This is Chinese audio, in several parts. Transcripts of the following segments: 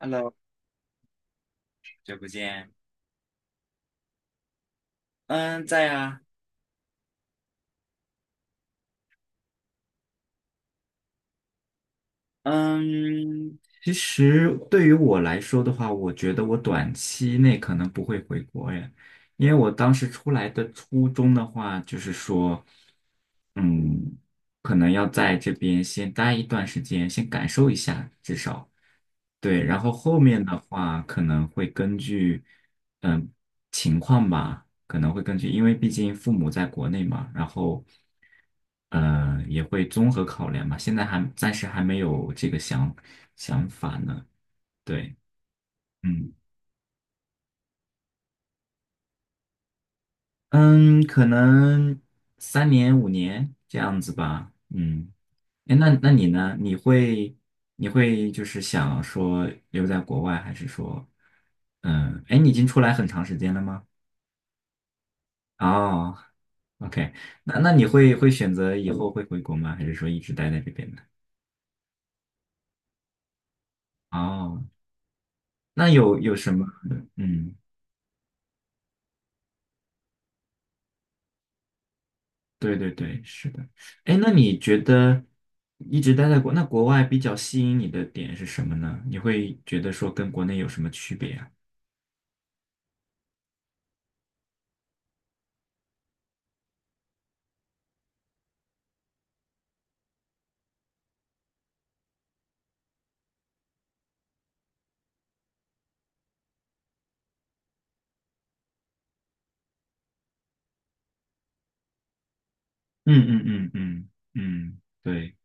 Hello，好久不见。嗯，在啊。嗯，其实对于我来说的话，我觉得我短期内可能不会回国耶，因为我当时出来的初衷的话，就是说，嗯，可能要在这边先待一段时间，先感受一下，至少。对，然后后面的话可能会根据，嗯，情况吧，可能会根据，因为毕竟父母在国内嘛，然后，也会综合考量嘛。现在还暂时还没有这个想法呢。对，嗯嗯，可能3年5年这样子吧。嗯，哎，那你呢？你会就是想说留在国外，还是说，哎，你已经出来很长时间了吗？哦，OK，那你会选择以后会回国吗？还是说一直待在这边呢？哦，那有什么？嗯，对对对，是的。哎，那你觉得一直待在国，那国外比较吸引你的点是什么呢？你会觉得说跟国内有什么区别啊？嗯嗯嗯嗯嗯，对。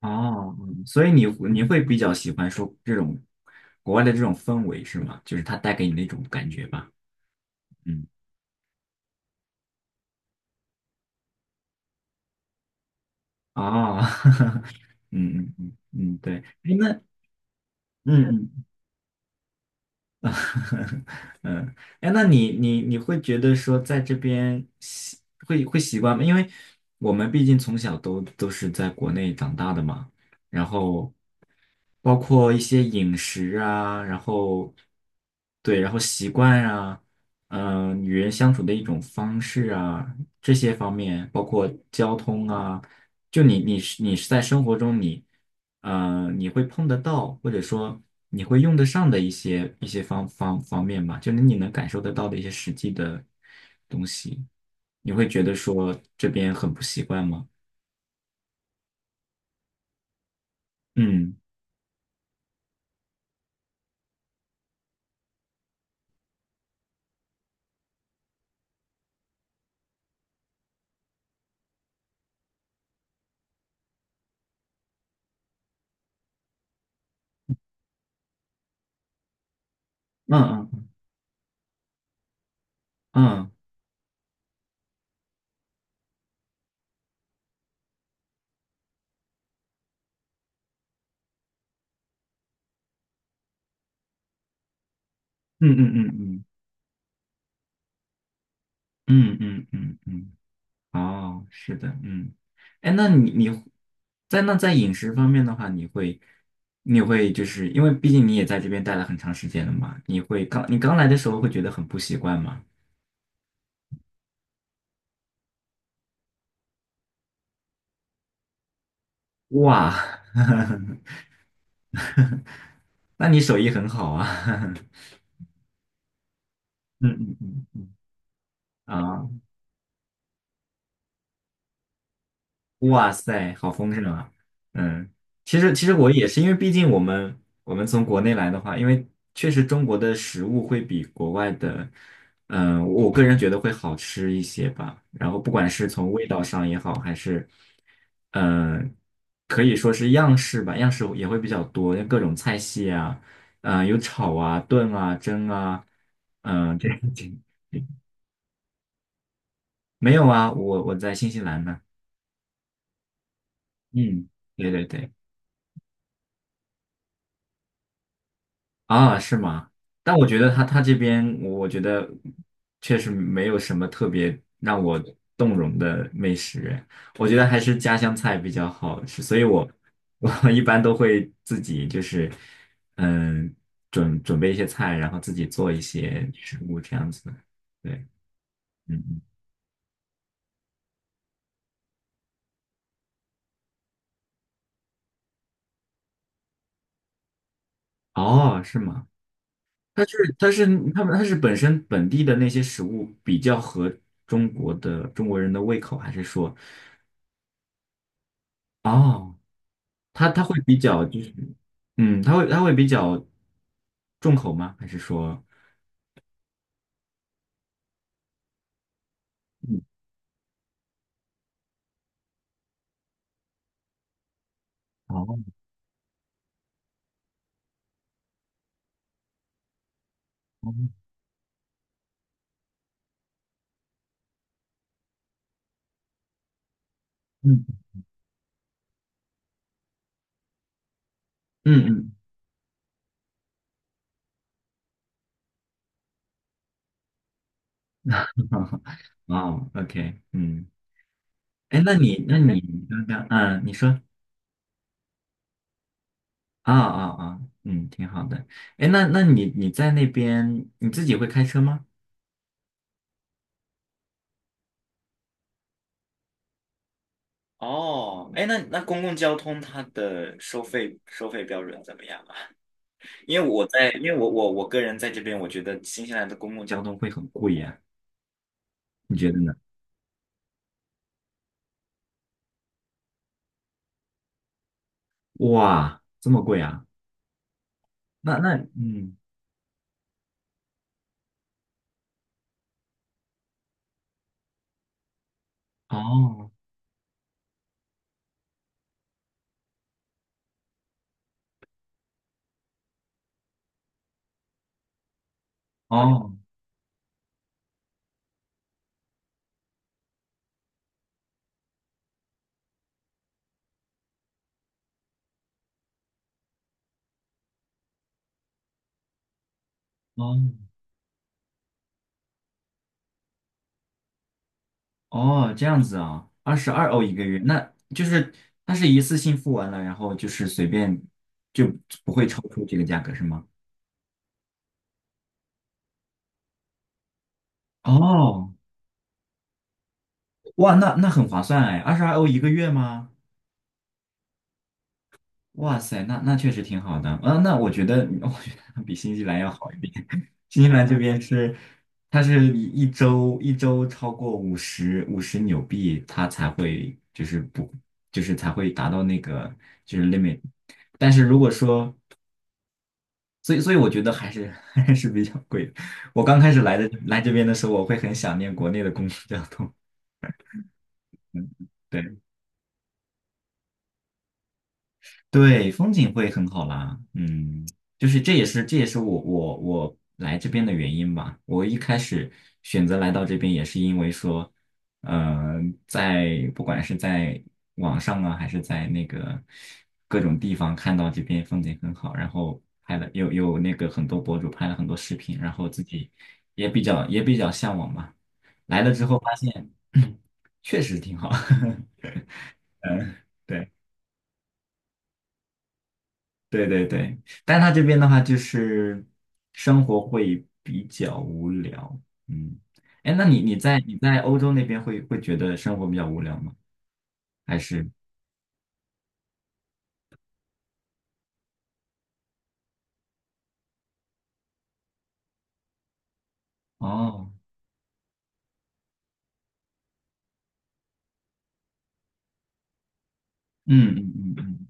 哦，所以你会比较喜欢说这种国外的这种氛围是吗？就是它带给你那种感觉吧？嗯。啊，嗯嗯嗯嗯，对，哎，那嗯嗯 啊，嗯，哎，那你会觉得说在这边会习惯吗？因为我们毕竟从小都是在国内长大的嘛，然后包括一些饮食啊，然后对，然后习惯啊，嗯、与人相处的一种方式啊，这些方面，包括交通啊，就你是在生活中你。你会碰得到，或者说你会用得上的一些方面吧，就是你能感受得到的一些实际的东西，你会觉得说这边很不习惯吗？嗯嗯嗯嗯嗯嗯嗯嗯嗯嗯嗯，哦，是的，嗯，哎，那你在饮食方面的话，你会就是因为毕竟你也在这边待了很长时间了嘛，你刚来的时候会觉得很不习惯吗？哇，那你手艺很好啊，嗯嗯嗯，啊，哇塞，好丰盛啊，嗯，其实我也是，因为毕竟我们从国内来的话，因为确实中国的食物会比国外的，我个人觉得会好吃一些吧。然后不管是从味道上也好，还是，嗯、可以说是样式吧，样式也会比较多，各种菜系啊，有炒啊、炖啊、蒸啊，嗯、这这。没有啊，我在新西兰呢。嗯，对对对，啊，是吗？但我觉得他这边，我觉得确实没有什么特别让我动容的美食，我觉得还是家乡菜比较好吃，所以我 一般都会自己就是嗯准备一些菜，然后自己做一些食物这样子。对，嗯嗯，哦，是吗？它是它是它是本身本地的那些食物比较合中国的中国人的胃口，还是说，哦，它会比较就是，嗯，它会比较重口吗？还是说，嗯，哦，哦嗯嗯嗯 哦，OK，嗯，哎，那你 刚刚，嗯，你说，啊啊啊，嗯，挺好的，哎，那你在那边你自己会开车吗？哦，哎，那公共交通它的收费标准怎么样啊？因为我个人在这边，我觉得新西兰的公共交通会很贵呀，你觉得呢？哇，这么贵啊？那那嗯，哦哦哦哦，这样子啊，二十二欧一个月，那就是它是一次性付完了，然后就是随便就不会超出这个价格是吗？哦，哇，那很划算哎，二十二欧一个月吗？哇塞，那确实挺好的啊。那我觉得，我觉得比新西兰要好一点。新西兰这边是，它是一周超过五十纽币，它才会就是不就是才会达到那个就是 limit。但是如果说，所以我觉得还是 还是比较贵的。我刚开始来这边的时候，我会很想念国内的公共交通。嗯，对。对，风景会很好啦。嗯，就是这也是我来这边的原因吧。我一开始选择来到这边也是因为说，呃，不管是在网上啊，还是在那个各种地方看到这边风景很好，然后拍了有有那个很多博主拍了很多视频，然后自己也比较向往吧。来了之后发现，确实挺好。嗯，对。对对对，但他这边的话就是生活会比较无聊，嗯，哎，那你在欧洲那边会觉得生活比较无聊吗？还是哦，嗯嗯嗯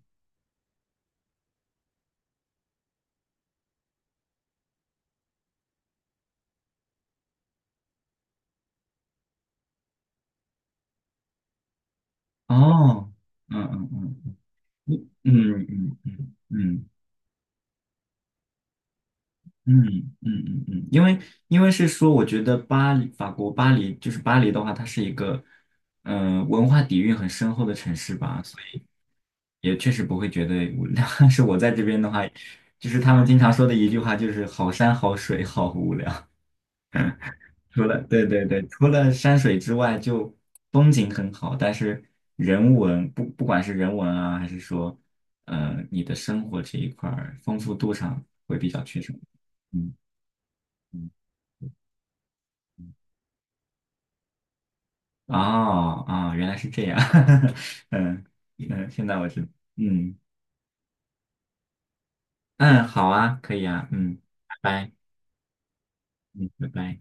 嗯，哦，嗯嗯嗯嗯嗯嗯嗯嗯。嗯嗯嗯嗯嗯，因为是说，我觉得巴黎，法国巴黎就是巴黎的话，它是一个文化底蕴很深厚的城市吧，所以也确实不会觉得无聊。但是我在这边的话，就是他们经常说的一句话，就是好山好水好无聊。对对对，除了山水之外，就风景很好，但是人文不不管是人文啊，还是说你的生活这一块儿丰富度上会比较缺少。嗯嗯。哦哦，原来是这样，嗯嗯，现在我知，嗯嗯，好啊，可以啊，嗯，拜拜，嗯，拜拜。